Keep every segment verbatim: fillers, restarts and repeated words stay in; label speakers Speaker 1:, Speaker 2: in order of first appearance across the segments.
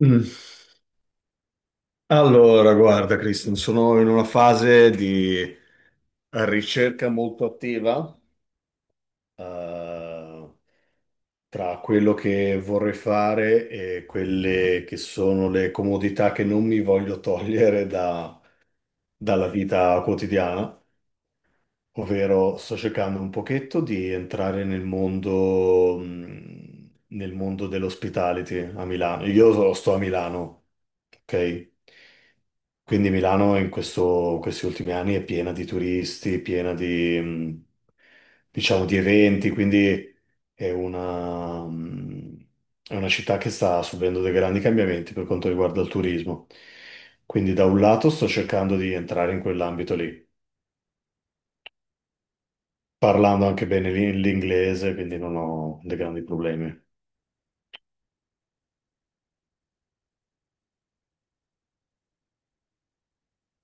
Speaker 1: Mm. Allora, guarda, Kristen, sono in una fase di ricerca molto attiva, eh, tra quello che vorrei fare e quelle che sono le comodità che non mi voglio togliere da- dalla vita quotidiana, ovvero sto cercando un pochetto di entrare nel mondo, mm, nel mondo dell'hospitality a Milano. Io so- sto a Milano, ok? Quindi Milano in questo- questi ultimi anni è piena di turisti, piena di, mh, diciamo, di eventi, quindi è una, mh, è una città che sta subendo dei grandi cambiamenti per quanto riguarda il turismo. Quindi da un lato sto cercando di entrare in quell'ambito lì, parlando anche bene l'in- l'inglese, quindi non ho dei grandi problemi.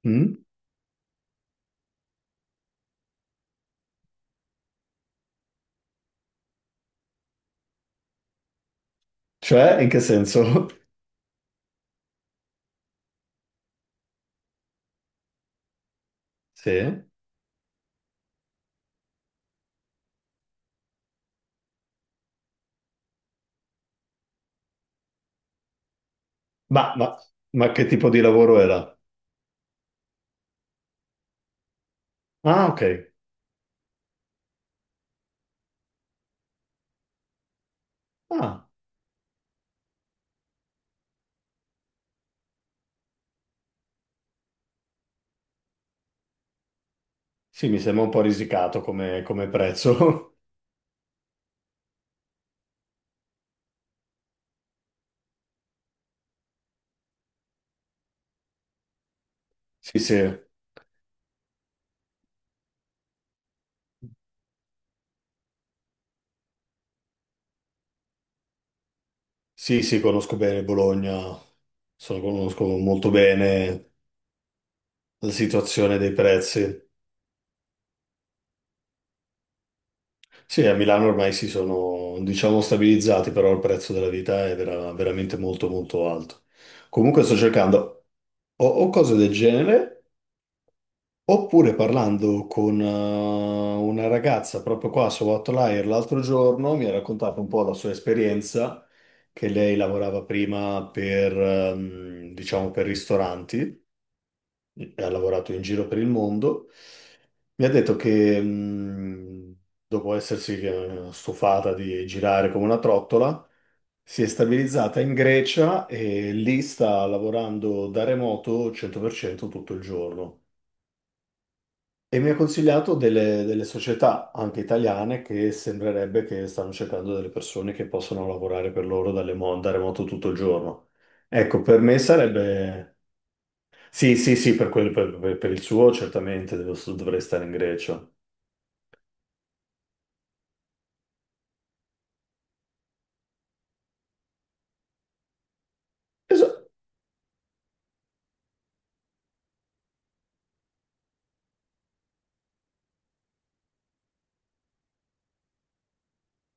Speaker 1: Mm? Cioè, in che senso? Sì? Ma, ma ma che tipo di lavoro era? Ah, ok. Ah. Sì, mi sembra un po' risicato come, come prezzo. Sì, sì, sì, sì, conosco bene Bologna, so- conosco molto bene la situazione dei prezzi. Sì, a Milano ormai si sono, diciamo, stabilizzati, però il prezzo della vita è vera- veramente molto, molto alto. Comunque sto cercando o, o cose del genere. Oppure parlando con eh, una ragazza proprio qua su Outlier l'altro giorno mi ha raccontato un po' la sua esperienza, che lei lavorava prima per, ehm, diciamo, per ristoranti, e ha lavorato in giro per il mondo. Mi ha detto che mh, dopo essersi eh, stufata di girare come una trottola, si è stabilizzata in Grecia e lì sta lavorando da remoto cento per cento tutto il giorno. E mi ha consigliato delle, delle società, anche italiane, che sembrerebbe che stanno cercando delle persone che possono lavorare per loro dalle mo- da remoto tutto il giorno. Ecco, per me sarebbe... Sì, sì, sì, per, quel- per- per- per il suo certamente devo- dovrei stare in Grecia. Esa-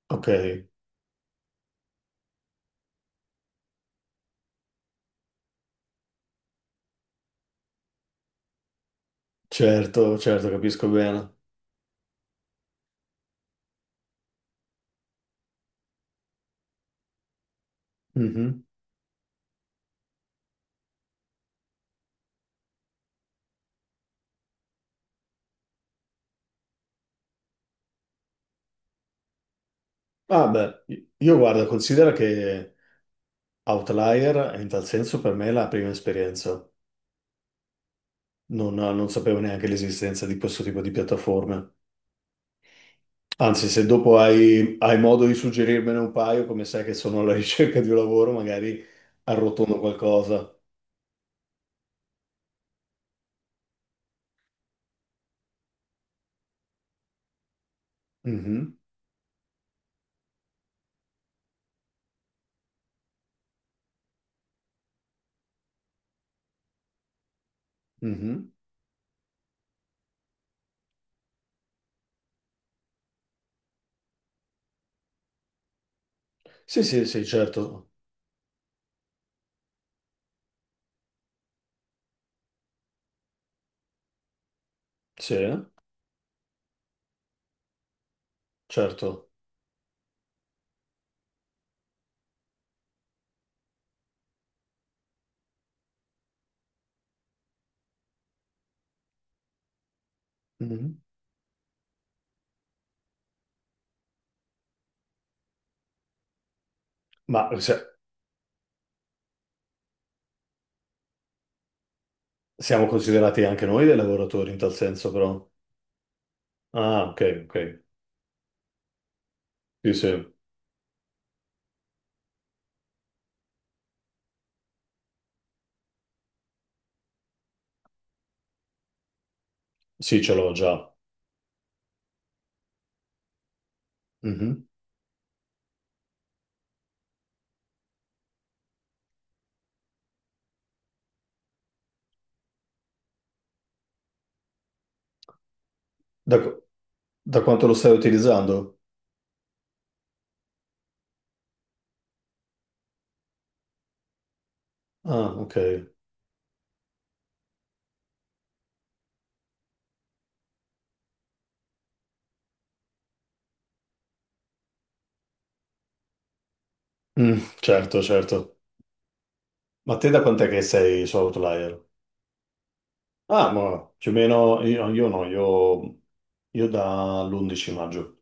Speaker 1: Ok, certo, certo, capisco bene. Mhm. Ah, beh, io guarda, considera che Outlier in tal senso per me è la prima esperienza. Non, non sapevo neanche l'esistenza di questo tipo di piattaforme. Anzi, se dopo hai, hai modo di suggerirmene un paio, come sai che sono alla ricerca di un lavoro, magari arrotondo qualcosa. Mhm, mhm. Sì, sì, sì, certo. Sì, certo. Mhm. Ma se- siamo considerati anche noi dei lavoratori in tal senso, però. Ah, ok, ok. Sì, sì, sì, ce l'ho già. Mhm. Da, qu- da quanto lo stai utilizzando? Ah, ok. Mm, certo, certo. Ma te da quant'è che sei su Outlier? Ah, ma più o meno io, io no, io, io dall'undici maggio.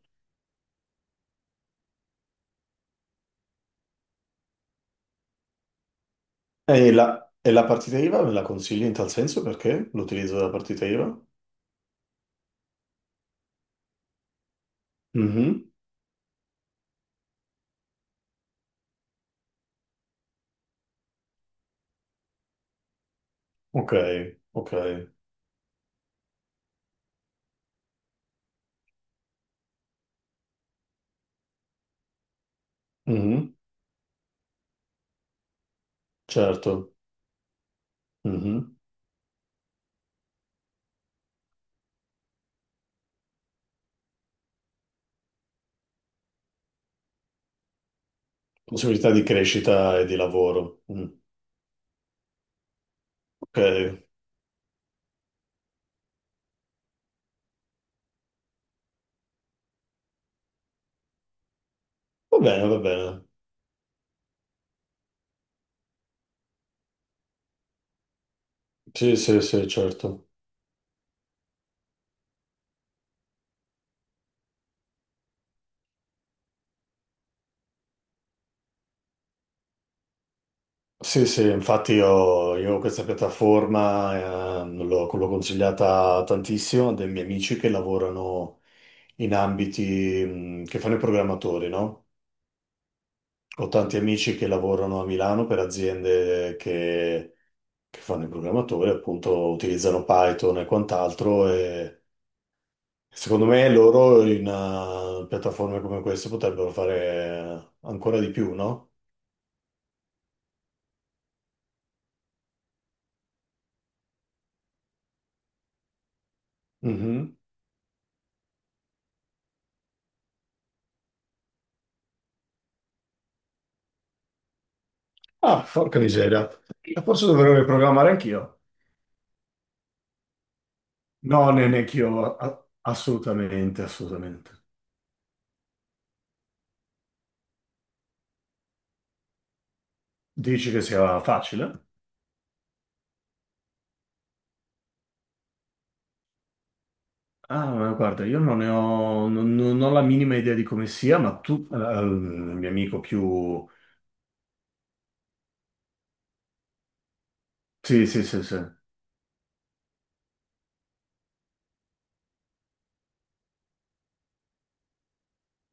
Speaker 1: E la, e la partita I V A me la consigli in tal senso perché l'utilizzo della partita I V A? Mhm. Ok, ok. Mhm. Certo. Mhm. Possibilità di crescita e di lavoro. Mm. Ok, va bene, va bene. Sì, sì, sì, certo. Sì, sì, infatti io, io questa piattaforma eh, l'ho l'ho consigliata tantissimo a dei miei amici che lavorano in ambiti mh, che fanno i programmatori, no? Ho tanti amici che lavorano a Milano per aziende che, che fanno i programmatori, appunto utilizzano Python e quant'altro e secondo me loro in eh, piattaforme come queste potrebbero fare ancora di più, no? Mhm. Ah, porca miseria. Forse dovrei riprogrammare anch'io. No, ne- neanch'io, a- assolutamente, assolutamente. Dici che sia facile? Ah, ma guarda, io non ne ho, non, non ho la minima idea di come sia, ma tu, eh, il mio amico più... Sì, sì, sì, sì.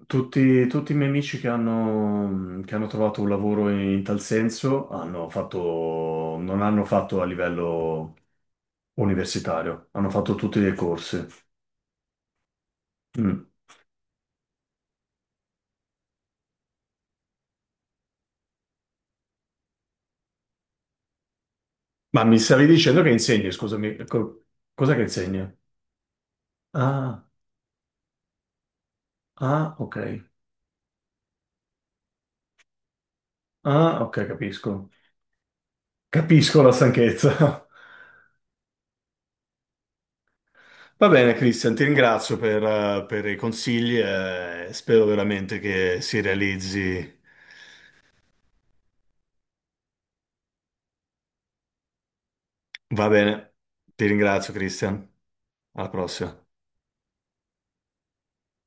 Speaker 1: Tutti, tutti i miei amici che hanno, che hanno trovato un lavoro in, in tal senso hanno fatto, non hanno fatto a livello universitario, hanno fatto tutti dei corsi. Mm. Ma mi stavi dicendo che insegni, scusami, co- cos'è che insegni? Ah, ah, ok. Ah, ok, capisco. Capisco la stanchezza. Va bene, Christian, ti ringrazio per, eh, per i consigli e spero veramente che si realizzi. Va bene, ti ringrazio, Christian. Alla prossima.